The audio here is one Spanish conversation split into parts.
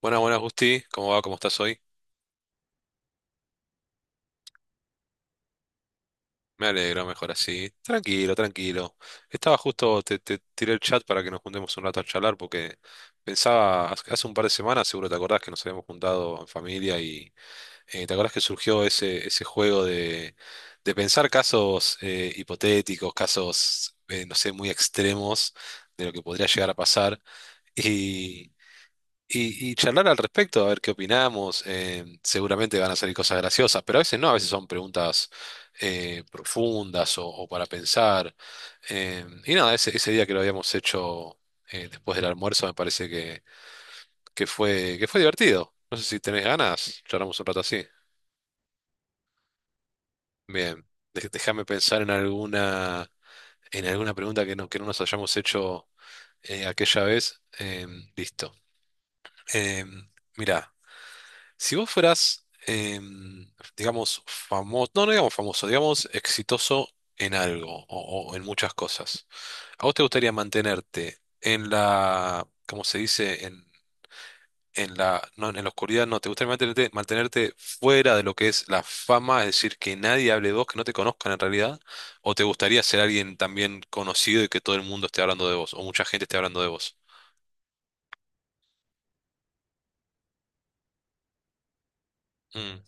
Buenas, buenas, Gusti. ¿Cómo va? ¿Cómo estás hoy? Me alegro, mejor así. Tranquilo, tranquilo. Estaba justo, te tiré el chat para que nos juntemos un rato a charlar porque pensaba, hace un par de semanas, seguro te acordás que nos habíamos juntado en familia y te acordás que surgió ese juego de pensar casos hipotéticos, casos, no sé, muy extremos de lo que podría llegar a pasar. Y charlar al respecto, a ver qué opinamos. Seguramente van a salir cosas graciosas, pero a veces no, a veces son preguntas profundas o para pensar. Y nada, ese día que lo habíamos hecho después del almuerzo me parece que fue divertido. No sé si tenés ganas, charlamos un rato así. Bien, déjame pensar en alguna pregunta que no nos hayamos hecho aquella vez. Listo. Mira, si vos fueras, digamos, famoso, no, no digamos famoso, digamos exitoso en algo o en muchas cosas, ¿a vos te gustaría mantenerte en la, como se dice, en la, no, en la oscuridad? No, ¿te gustaría mantenerte, mantenerte fuera de lo que es la fama, es decir, que nadie hable de vos, que no te conozcan en realidad? ¿O te gustaría ser alguien también conocido y que todo el mundo esté hablando de vos, o mucha gente esté hablando de vos? Mm,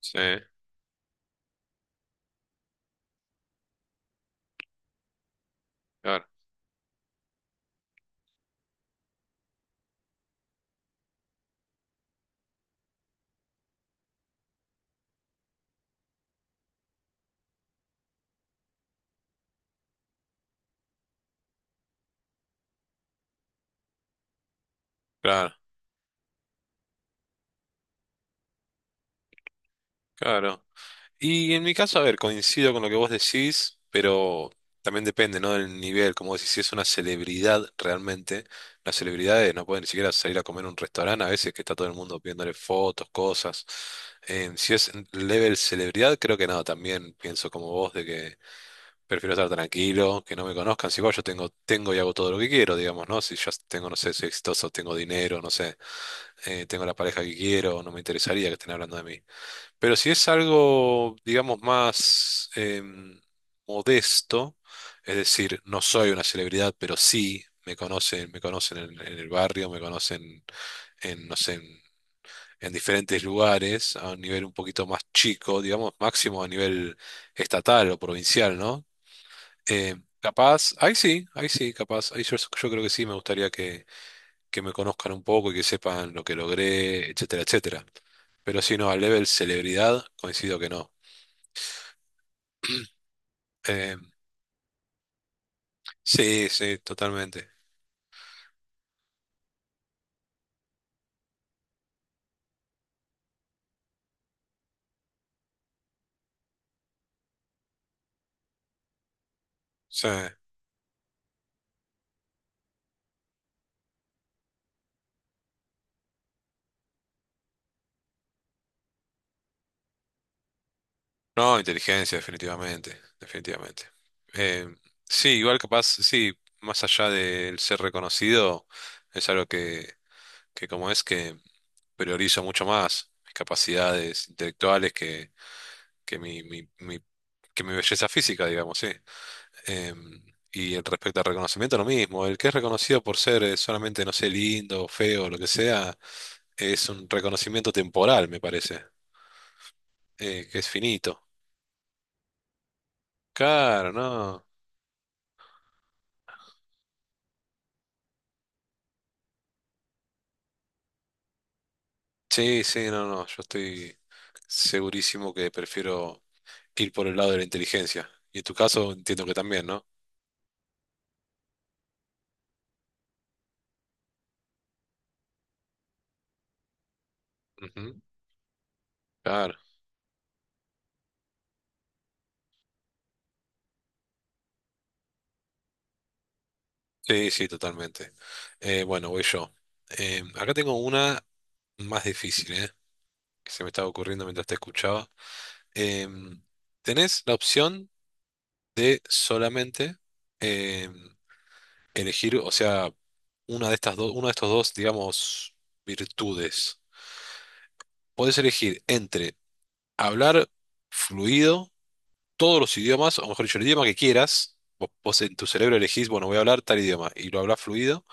sí, claro, claro, claro. Y en mi caso, a ver, coincido con lo que vos decís, pero también depende, ¿no? Del nivel, como decís, si es una celebridad realmente, las celebridades no pueden ni siquiera salir a comer a un restaurante a veces que está todo el mundo pidiéndole fotos, cosas. Si es level celebridad, creo que no, también pienso como vos de que prefiero estar tranquilo, que no me conozcan. Si igual yo tengo, tengo y hago todo lo que quiero, digamos, ¿no? Si ya tengo, no sé, soy exitoso, tengo dinero, no sé, tengo la pareja que quiero, no me interesaría que estén hablando de mí. Pero si es algo, digamos, más modesto, es decir, no soy una celebridad, pero sí me conocen en el barrio, me conocen en, no sé, en diferentes lugares, a un nivel un poquito más chico, digamos, máximo a nivel estatal o provincial, ¿no? Capaz, ahí sí, capaz, ahí yo, yo creo que sí, me gustaría que me conozcan un poco y que sepan lo que logré, etcétera, etcétera. Pero si no, al level celebridad, coincido que no. Eh, sí, sí, totalmente. Sí. No, inteligencia, definitivamente, definitivamente. Eh, sí, igual capaz, sí, más allá del ser reconocido, es algo que como es que priorizo mucho más mis capacidades intelectuales que que mi belleza física, digamos, sí. Eh, y el respecto al reconocimiento, lo mismo. El que es reconocido por ser solamente, no sé, lindo, feo, lo que sea, es un reconocimiento temporal, me parece. Que es finito. Claro, no. Sí, sí, no, no. Yo estoy segurísimo que prefiero ir por el lado de la inteligencia. Y en tu caso entiendo que también, ¿no? Ujú, claro. Sí, sí, totalmente. Bueno, voy yo. Acá tengo una más difícil, ¿eh? Que se me estaba ocurriendo mientras te escuchaba. Em, tenés la opción de solamente em, elegir, o sea, una de estas dos, uno de estos dos, digamos, virtudes. Podés elegir entre hablar fluido todos los idiomas, o mejor dicho, el idioma que quieras. Vos en tu cerebro elegís, bueno, voy a hablar tal idioma y lo hablas fluido.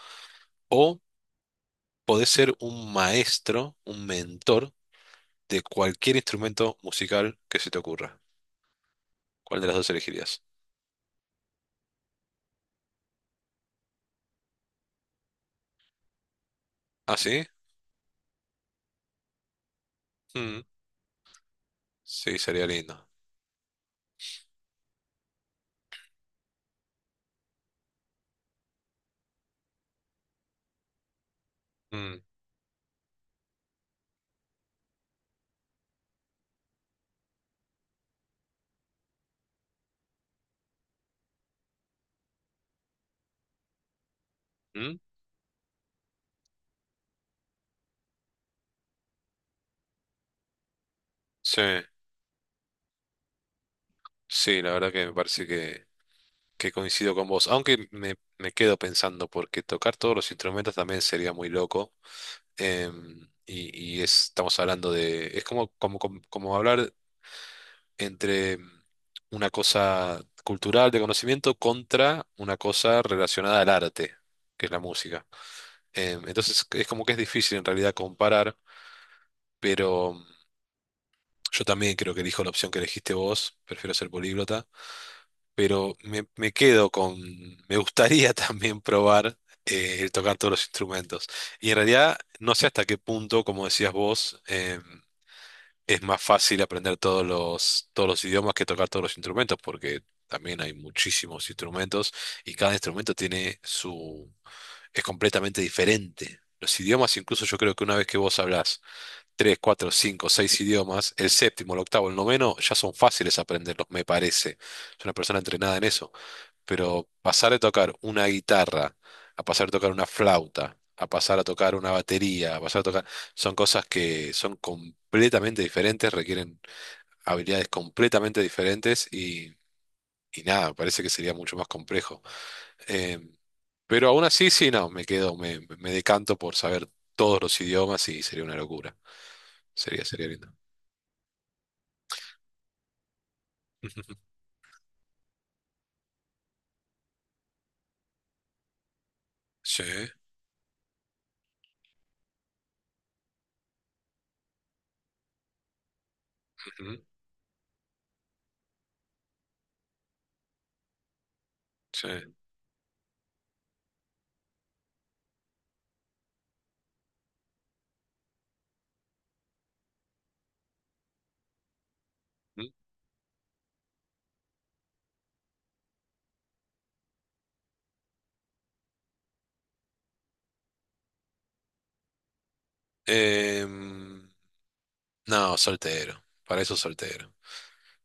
O podés ser un maestro, un mentor de cualquier instrumento musical que se te ocurra. ¿Cuál de las dos elegirías? ¿Ah, sí? Mm, sí, sería lindo. Mm, mm, sí, sí, la verdad que me parece que coincido con vos. Aunque me quedo pensando, porque tocar todos los instrumentos también sería muy loco. Y estamos hablando de, es como, como hablar entre una cosa cultural de conocimiento contra una cosa relacionada al arte, que es la música. Entonces es como que es difícil en realidad comparar, pero yo también creo que elijo la opción que elegiste vos, prefiero ser políglota, pero me quedo con, me gustaría también probar. El tocar todos los instrumentos. Y en realidad no sé hasta qué punto, como decías vos, es más fácil aprender todos los idiomas que tocar todos los instrumentos, porque también hay muchísimos instrumentos y cada instrumento tiene su, es completamente diferente. Los idiomas, incluso yo creo que una vez que vos hablás tres, cuatro, cinco, seis idiomas, el séptimo, el octavo, el noveno, ya son fáciles aprenderlos, me parece. Es una persona entrenada en eso. Pero pasar de tocar una guitarra a pasar a tocar una flauta, a pasar a tocar una batería, a pasar a tocar, son cosas que son completamente diferentes, requieren habilidades completamente diferentes y nada, parece que sería mucho más complejo. Eh, pero aún así, sí, no, me quedo, me decanto por saber todos los idiomas y sería una locura. Sería, sería lindo. Sí, ujú, sí. Ujú. Em, no, soltero. Para eso soltero.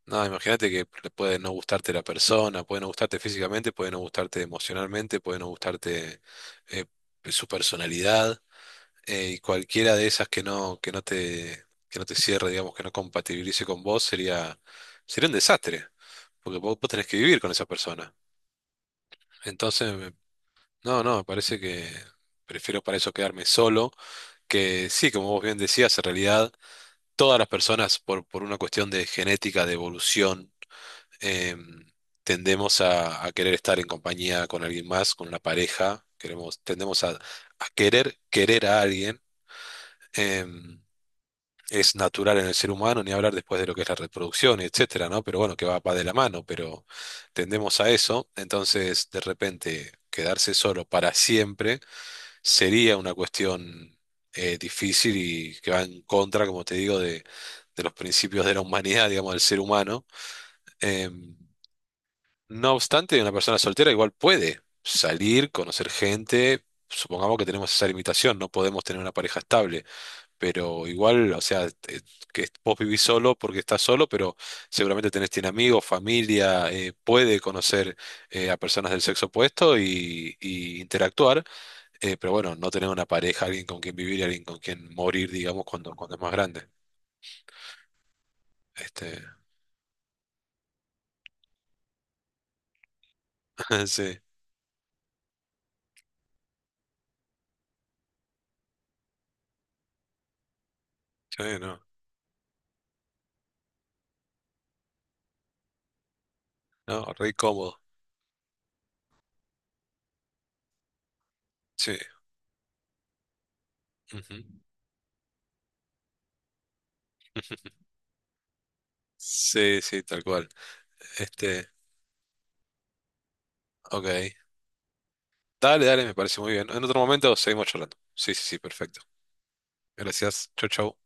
No, imagínate que le puede no gustarte la persona, puede no gustarte físicamente, puede no gustarte emocionalmente, puede no gustarte eh, su personalidad, y cualquiera de esas que no te cierre, digamos, que no compatibilice con vos, sería, sería un desastre, porque vos tenés que vivir con esa persona. Entonces, no, no, me parece que prefiero para eso quedarme solo, que sí, como vos bien decías, en realidad todas las personas por una cuestión de genética, de evolución, eh, tendemos a querer estar en compañía con alguien más, con una pareja, queremos, tendemos a querer querer a alguien. eh, es natural en el ser humano, ni hablar después de lo que es la reproducción, etcétera, ¿no? Pero bueno, que va, va de la mano, pero tendemos a eso. Entonces, de repente, quedarse solo para siempre sería una cuestión difícil y que va en contra, como te digo, de los principios de la humanidad, digamos, del ser humano. Em, no obstante, una persona soltera igual puede salir, conocer gente. Supongamos que tenemos esa limitación, no podemos tener una pareja estable, pero igual, o sea, que vos vivís solo porque estás solo, pero seguramente tenés, tiene amigos, familia, puede conocer a personas del sexo opuesto y interactuar, pero bueno, no tener una pareja, alguien con quien vivir, alguien con quien morir, digamos, cuando, cuando es más grande. Este, sí, sí, no, no, re cómodo, sí. Ujú. Sí, sí, tal cual. Este, ok. Dale, dale, me parece muy bien. En otro momento seguimos charlando. Sí, sí, sí, perfecto. Gracias. Chau, chau.